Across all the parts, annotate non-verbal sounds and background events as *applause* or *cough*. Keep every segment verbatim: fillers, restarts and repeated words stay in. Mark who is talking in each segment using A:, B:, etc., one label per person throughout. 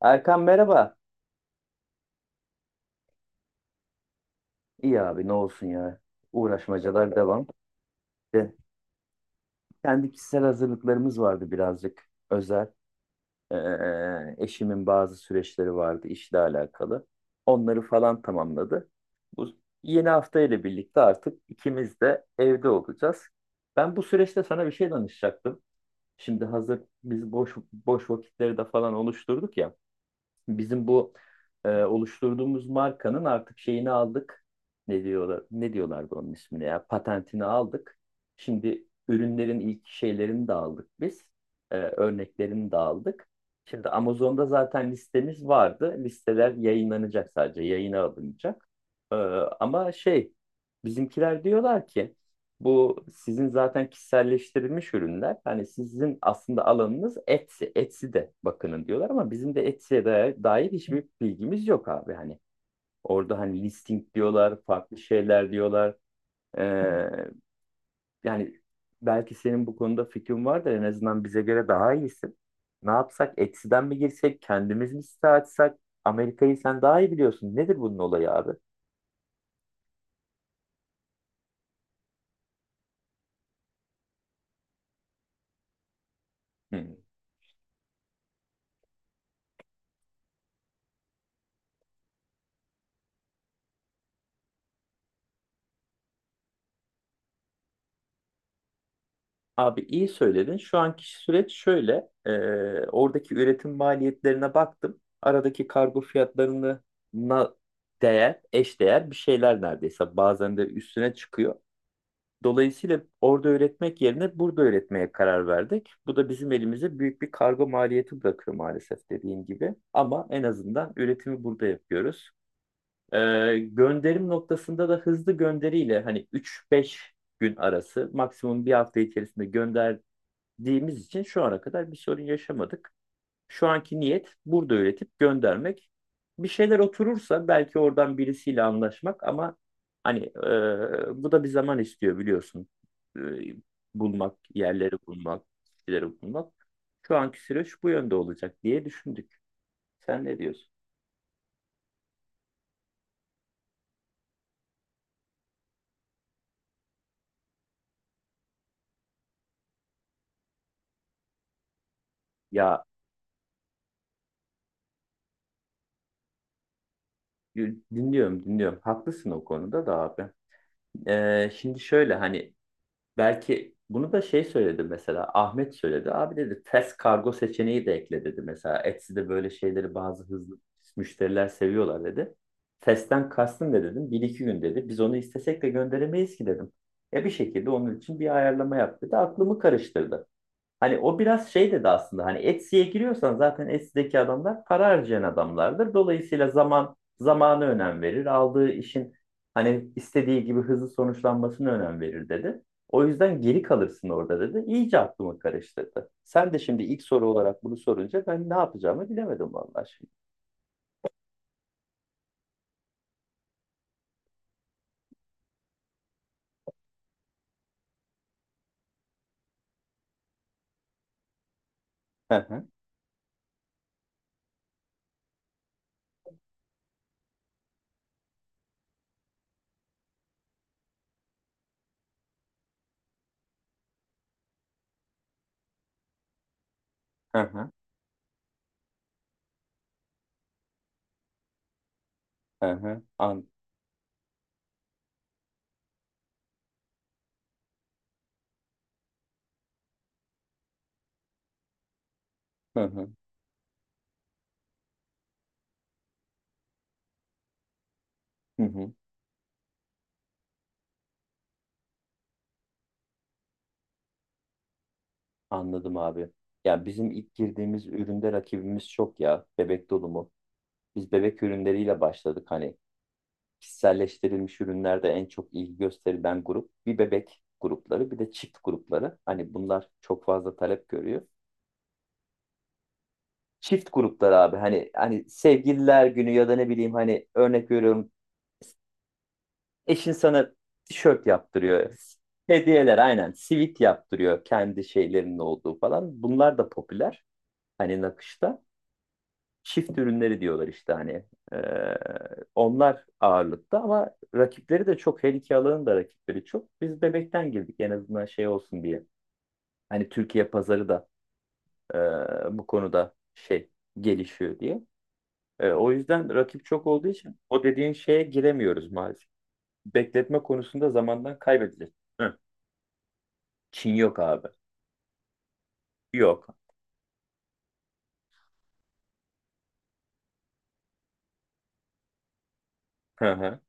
A: Erkan merhaba. İyi abi ne olsun ya. Uğraşmacalar devam. De, kendi kişisel hazırlıklarımız vardı birazcık özel. Ee, eşimin bazı süreçleri vardı işle alakalı. Onları falan tamamladı. Bu yeni hafta ile birlikte artık ikimiz de evde olacağız. Ben bu süreçte sana bir şey danışacaktım. Şimdi hazır biz boş boş vakitleri de falan oluşturduk ya. Bizim bu e, oluşturduğumuz markanın artık şeyini aldık. Ne diyorlar? Ne diyorlardı onun ismini ya? Patentini aldık. Şimdi ürünlerin ilk şeylerini de aldık biz. E, örneklerini de aldık. Şimdi Amazon'da zaten listemiz vardı. Listeler yayınlanacak sadece, yayına alınacak. E, ama şey, bizimkiler diyorlar ki bu sizin zaten kişiselleştirilmiş ürünler. Hani sizin aslında alanınız Etsy. Etsy'de bakının diyorlar ama bizim de Etsy'ye dair, dair hiçbir bilgimiz yok abi. Hani orada hani listing diyorlar, farklı şeyler diyorlar. Ee, yani belki senin bu konuda fikrin vardır. En azından bize göre daha iyisin. Ne yapsak? Etsy'den mi girsek? Kendimiz mi site açsak? Amerika'yı sen daha iyi biliyorsun. Nedir bunun olayı abi? Hı. Abi iyi söyledin. Şu anki süreç şöyle. E, oradaki üretim maliyetlerine baktım. Aradaki kargo fiyatlarına değer, eşdeğer bir şeyler neredeyse. Bazen de üstüne çıkıyor. Dolayısıyla orada üretmek yerine burada üretmeye karar verdik. Bu da bizim elimize büyük bir kargo maliyeti bırakıyor maalesef dediğin gibi. Ama en azından üretimi burada yapıyoruz. E, gönderim noktasında da hızlı gönderiyle hani üç beş gün arası maksimum bir hafta içerisinde gönder dediğimiz için şu ana kadar bir sorun yaşamadık. Şu anki niyet burada öğretip göndermek. Bir şeyler oturursa belki oradan birisiyle anlaşmak ama hani e, bu da bir zaman istiyor biliyorsun. E, bulmak, yerleri bulmak, kişileri bulmak. Şu anki süreç bu yönde olacak diye düşündük. Sen ne diyorsun? Ya dinliyorum, dinliyorum. Haklısın o konuda da abi. E, şimdi şöyle hani belki bunu da şey söyledi mesela Ahmet söyledi. Abi dedi test kargo seçeneği de ekle dedi mesela. Etsy'de böyle şeyleri bazı hızlı müşteriler seviyorlar dedi. Testten kastın ne dedim? Bir iki gün dedi. Biz onu istesek de gönderemeyiz ki dedim. E bir şekilde onun için bir ayarlama yap dedi. Aklımı karıştırdı. Hani o biraz şey dedi aslında hani Etsy'ye giriyorsan zaten Etsy'deki adamlar para harcayan adamlardır. Dolayısıyla zaman zamanı önem verir. Aldığı işin hani istediği gibi hızlı sonuçlanmasını önem verir dedi. O yüzden geri kalırsın orada dedi. İyice aklımı karıştırdı. Sen de şimdi ilk soru olarak bunu sorunca ben ne yapacağımı bilemedim vallahi şimdi. Hı hı, hı hı, hı hı an hı hı, hı hı. Anladım abi. Ya bizim ilk girdiğimiz üründe rakibimiz çok ya. Bebek dolumu. Biz bebek ürünleriyle başladık hani kişiselleştirilmiş ürünlerde en çok ilgi gösterilen grup bir bebek grupları bir de çift grupları. Hani bunlar çok fazla talep görüyor. Çift grupları abi hani hani sevgililer günü ya da ne bileyim hani örnek veriyorum eşin sana tişört yaptırıyor. Hediyeler aynen sivit yaptırıyor kendi şeylerinin olduğu falan. Bunlar da popüler hani nakışta. Çift ürünleri diyorlar işte hani. Ee, onlar ağırlıkta ama rakipleri de çok. Her iki alanın da rakipleri çok. Biz bebekten girdik en azından şey olsun diye. Hani Türkiye pazarı da e, bu konuda şey gelişiyor diye. E, o yüzden rakip çok olduğu için o dediğin şeye giremiyoruz maalesef. Bekletme konusunda zamandan kaybedeceğiz. Hı. Çin yok abi. Yok. Hı hı.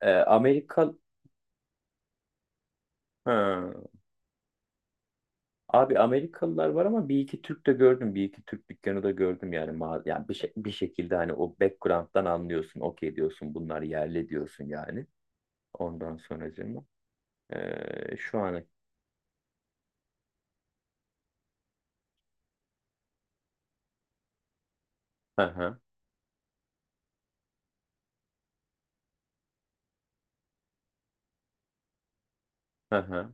A: E, Amerika Hı. Abi Amerikalılar var ama bir iki Türk de gördüm. Bir iki Türk dükkanı da gördüm yani. ma- Yani bir, şey- bir şekilde hani o background'dan anlıyorsun. Okey diyorsun bunlar yerli diyorsun yani. Ondan sonracığıma. Ee, şu an. Hı hı, hı hı,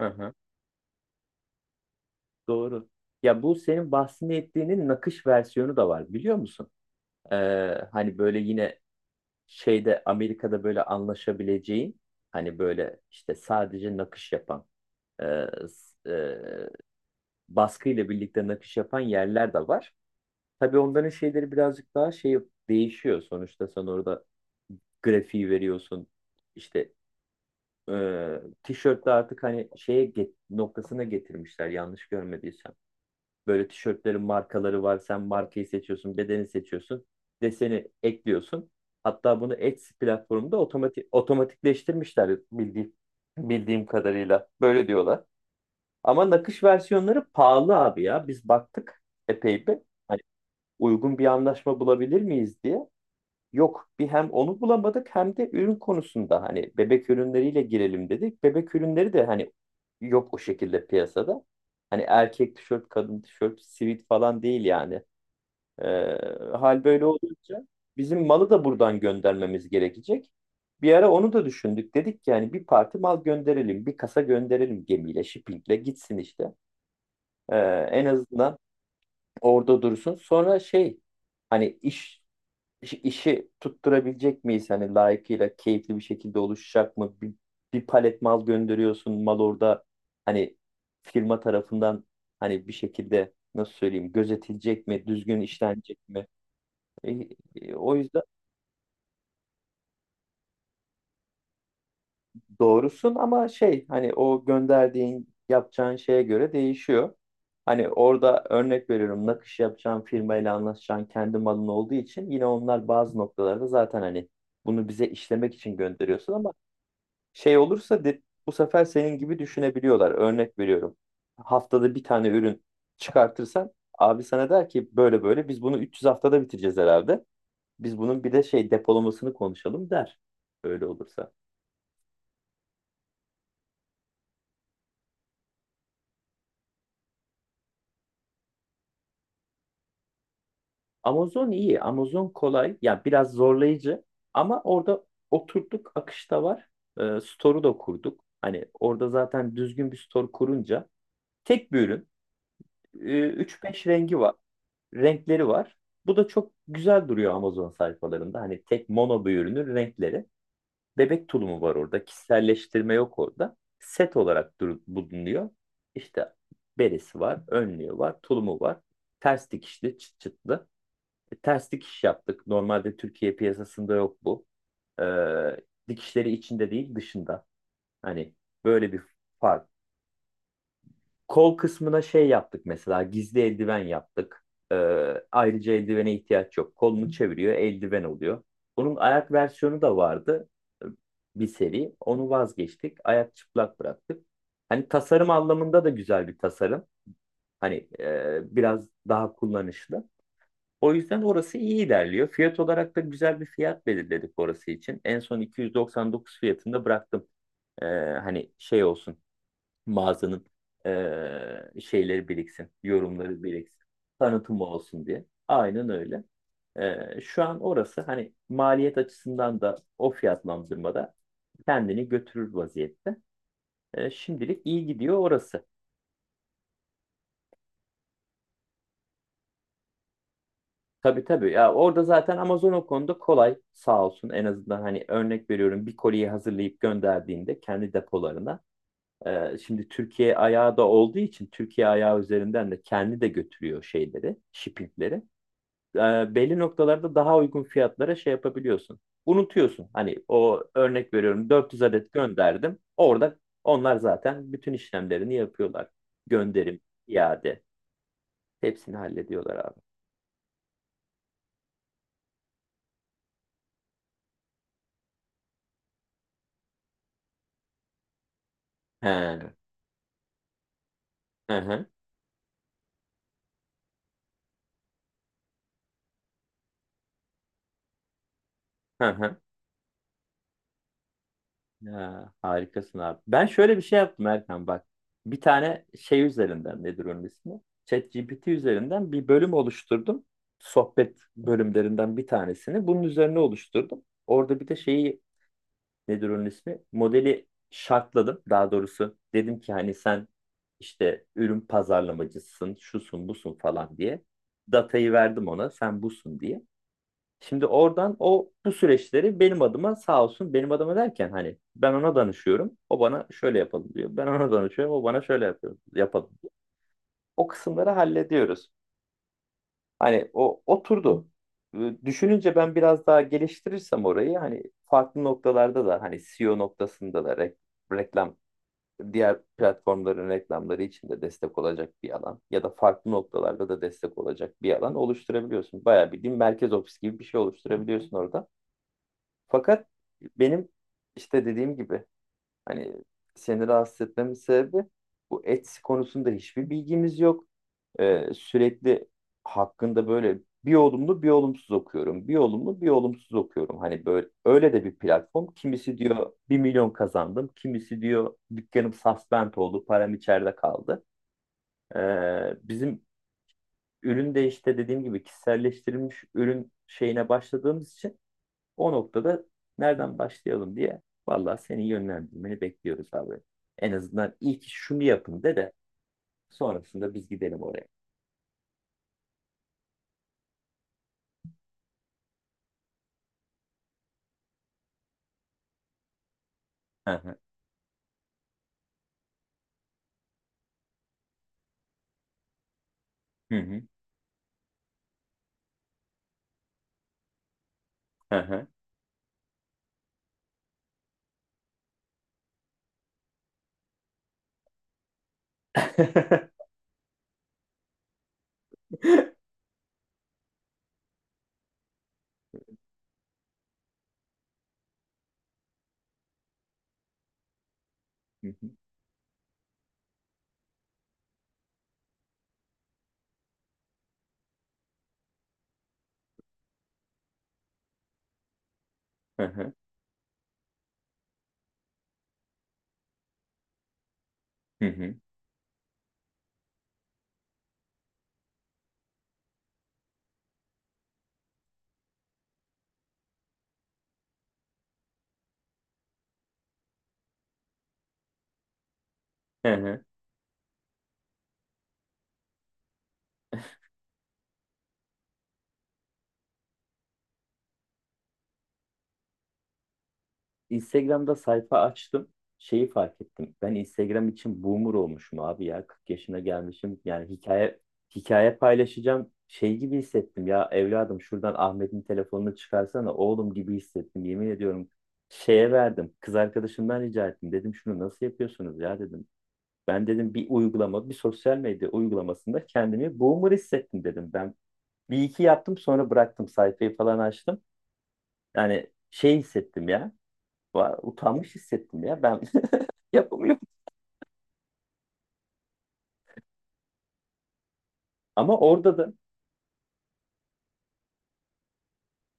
A: hı hı. Doğru. Ya bu senin bahsettiğinin nakış versiyonu da var biliyor musun? Ee, hani böyle yine şeyde Amerika'da böyle anlaşabileceğin hani böyle işte sadece nakış yapan e, s- baskıyla birlikte nakış yapan yerler de var. Tabii onların şeyleri birazcık daha şey değişiyor. Sonuçta sen orada grafiği veriyorsun. İşte e, tişörtte artık hani şeye get- noktasına getirmişler yanlış görmediysem. Böyle tişörtlerin markaları var. Sen markayı seçiyorsun, bedeni seçiyorsun, deseni ekliyorsun. Hatta bunu Etsy platformunda otomatik otomatikleştirmişler bildiğim bildiğim kadarıyla. Böyle diyorlar. Ama nakış versiyonları pahalı abi ya. Biz baktık epey bir. Hani uygun bir anlaşma bulabilir miyiz diye. Yok bir hem onu bulamadık hem de ürün konusunda hani bebek ürünleriyle girelim dedik. Bebek ürünleri de hani yok o şekilde piyasada. Hani erkek tişört, kadın tişört, sivit falan değil yani. Ee, hal böyle olunca bizim malı da buradan göndermemiz gerekecek. Bir ara onu da düşündük. Dedik ki yani bir parti mal gönderelim, bir kasa gönderelim gemiyle, shippingle gitsin işte. Ee, en azından orada dursun. Sonra şey hani iş iş- işi tutturabilecek miyiz? Hani layıkıyla keyifli bir şekilde oluşacak mı? Bir, bir palet mal gönderiyorsun. Mal orada hani firma tarafından hani bir şekilde nasıl söyleyeyim gözetilecek mi? Düzgün işlenecek mi? E, e, o yüzden Doğrusun ama şey hani o gönderdiğin yapacağın şeye göre değişiyor. Hani orada örnek veriyorum nakış yapacağın firmayla anlaşacağın kendi malın olduğu için yine onlar bazı noktalarda zaten hani bunu bize işlemek için gönderiyorsun ama şey olursa de, bu sefer senin gibi düşünebiliyorlar. Örnek veriyorum haftada bir tane ürün çıkartırsan abi sana der ki böyle böyle biz bunu üç yüz haftada bitireceğiz herhalde. Biz bunun bir de şey depolamasını konuşalım der. Öyle olursa. Amazon iyi. Amazon kolay. Yani biraz zorlayıcı ama orada oturduk, akışta var. Ee, store'u da kurduk. Hani orada zaten düzgün bir store kurunca tek bir ürün. Ee, üç beş rengi var. Renkleri var. Bu da çok güzel duruyor Amazon sayfalarında. Hani tek mono bir ürünün renkleri. Bebek tulumu var orada. Kişiselleştirme yok orada. Set olarak dur- bulunuyor. İşte beresi var, önlüğü var, tulumu var. Ters dikişli, çıt çıtlı. E, ters dikiş yaptık. Normalde Türkiye piyasasında yok bu. Ee, dikişleri içinde değil dışında. Hani böyle bir fark. Kol kısmına şey yaptık mesela gizli eldiven yaptık. Ee, ayrıca eldivene ihtiyaç yok. Kolunu çeviriyor eldiven oluyor. Bunun ayak versiyonu da vardı e, bir seri. Onu vazgeçtik. Ayak çıplak bıraktık. Hani tasarım anlamında da güzel bir tasarım. Hani e, biraz daha kullanışlı. O yüzden orası iyi ilerliyor. Fiyat olarak da güzel bir fiyat belirledik orası için. En son iki yüz doksan dokuz fiyatında bıraktım. Ee, hani şey olsun mağazanın ee, şeyleri biriksin, yorumları biriksin, tanıtımı olsun diye. Aynen öyle. Ee, şu an orası hani maliyet açısından da o fiyatlandırmada kendini götürür vaziyette. Ee, şimdilik iyi gidiyor orası. Tabii tabii ya orada zaten Amazon o konuda kolay sağ olsun en azından hani örnek veriyorum bir koliyi hazırlayıp gönderdiğinde kendi depolarına e, şimdi Türkiye ayağı da olduğu için Türkiye ayağı üzerinden de kendi de götürüyor şeyleri shippingleri. E, belli noktalarda daha uygun fiyatlara şey yapabiliyorsun unutuyorsun hani o örnek veriyorum dört yüz adet gönderdim orada onlar zaten bütün işlemlerini yapıyorlar, gönderim, iade, hepsini hallediyorlar abi. He. Hı hı. Hı hı. Ha, harikasın abi. Ben şöyle bir şey yaptım Erkan bak. Bir tane şey üzerinden nedir onun ismi? ChatGPT üzerinden bir bölüm oluşturdum. Sohbet bölümlerinden bir tanesini. Bunun üzerine oluşturdum. Orada bir de şeyi nedir onun ismi? Modeli şartladım. Daha doğrusu dedim ki hani sen işte ürün pazarlamacısın, şusun, busun falan diye. Datayı verdim ona sen busun diye. Şimdi oradan o bu süreçleri benim adıma sağ olsun benim adıma derken hani ben ona danışıyorum. O bana şöyle yapalım diyor. Ben ona danışıyorum. O bana şöyle yapıyor, yapalım diyor. O kısımları hallediyoruz. Hani o oturdu. Ee, Düşününce ben biraz daha geliştirirsem orayı hani farklı noktalarda da hani seo noktasında da re- reklam, diğer platformların reklamları için de destek olacak bir alan ya da farklı noktalarda da destek olacak bir alan oluşturabiliyorsun. Bayağı bildiğin merkez ofis gibi bir şey oluşturabiliyorsun orada. Fakat benim işte dediğim gibi hani seni rahatsız etmemin sebebi bu Etsy konusunda hiçbir bilgimiz yok. Ee, sürekli hakkında böyle bir olumlu bir olumsuz okuyorum. Bir olumlu bir olumsuz okuyorum. Hani böyle öyle de bir platform. Kimisi diyor bir milyon kazandım. Kimisi diyor dükkanım suspend oldu. Param içeride kaldı. Ee, bizim ürün de işte dediğim gibi kişiselleştirilmiş ürün şeyine başladığımız için o noktada nereden başlayalım diye vallahi senin yönlendirmeni bekliyoruz abi. En azından ilk şunu yapın de de sonrasında biz gidelim oraya. Hı hı. Hı hı. Hı hı. *laughs* Hı hı. Hı hı. Hı hı. Hı hı. Instagram'da sayfa açtım. Şeyi fark ettim. Ben Instagram için boomer olmuşum abi ya. kırk yaşına gelmişim. Yani hikaye hikaye paylaşacağım şey gibi hissettim ya evladım şuradan Ahmet'in telefonunu çıkarsana oğlum gibi hissettim yemin ediyorum. Şeye verdim. Kız arkadaşımdan rica ettim. Dedim şunu nasıl yapıyorsunuz ya dedim. Ben dedim bir uygulama, bir sosyal medya uygulamasında kendimi boomer hissettim dedim. Ben bir iki yaptım sonra bıraktım sayfayı falan açtım. Yani şey hissettim ya var, utanmış hissettim ya ben *laughs* yapamıyorum. Ama orada da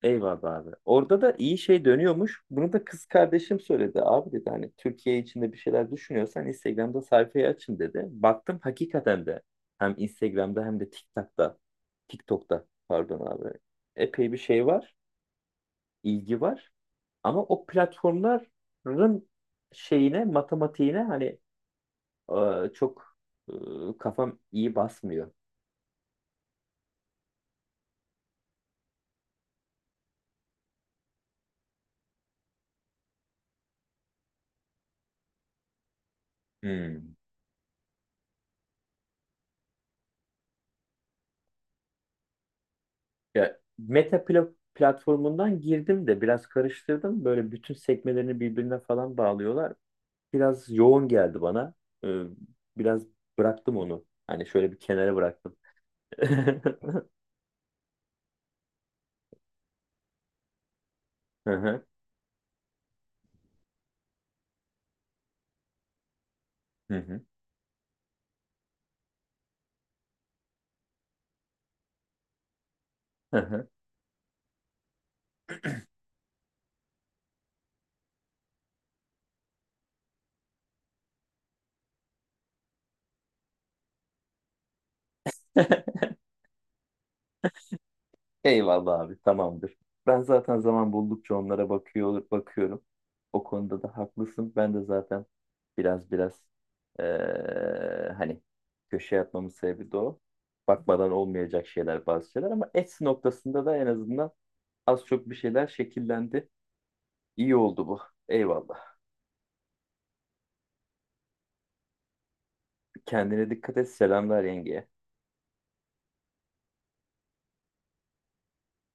A: eyvallah abi. Orada da iyi şey dönüyormuş. Bunu da kız kardeşim söyledi. Abi dedi hani Türkiye içinde bir şeyler düşünüyorsan Instagram'da sayfayı açın dedi. Baktım hakikaten de hem Instagram'da hem de TikTok'ta TikTok'ta pardon abi. Epey bir şey var, ilgi var. Ama o platformların şeyine, matematiğine hani e, çok e, kafam iyi basmıyor. Hmm. Ya Meta pla- platformundan girdim de biraz karıştırdım. Böyle bütün sekmelerini birbirine falan bağlıyorlar. Biraz yoğun geldi bana. Ee, biraz bıraktım onu. Hani şöyle bir kenara bıraktım. *laughs* Hı hı, hı hı, hı hı. Eyvallah abi tamamdır. Ben zaten zaman buldukça onlara bakıyor, bakıyorum. O konuda da haklısın. Ben de zaten biraz biraz eee, hani köşe atmamın sebebi de o. Bakmadan olmayacak şeyler bazı şeyler ama Etsy noktasında da en azından az çok bir şeyler şekillendi. İyi oldu bu. Eyvallah. Kendine dikkat et. Selamlar yengeye.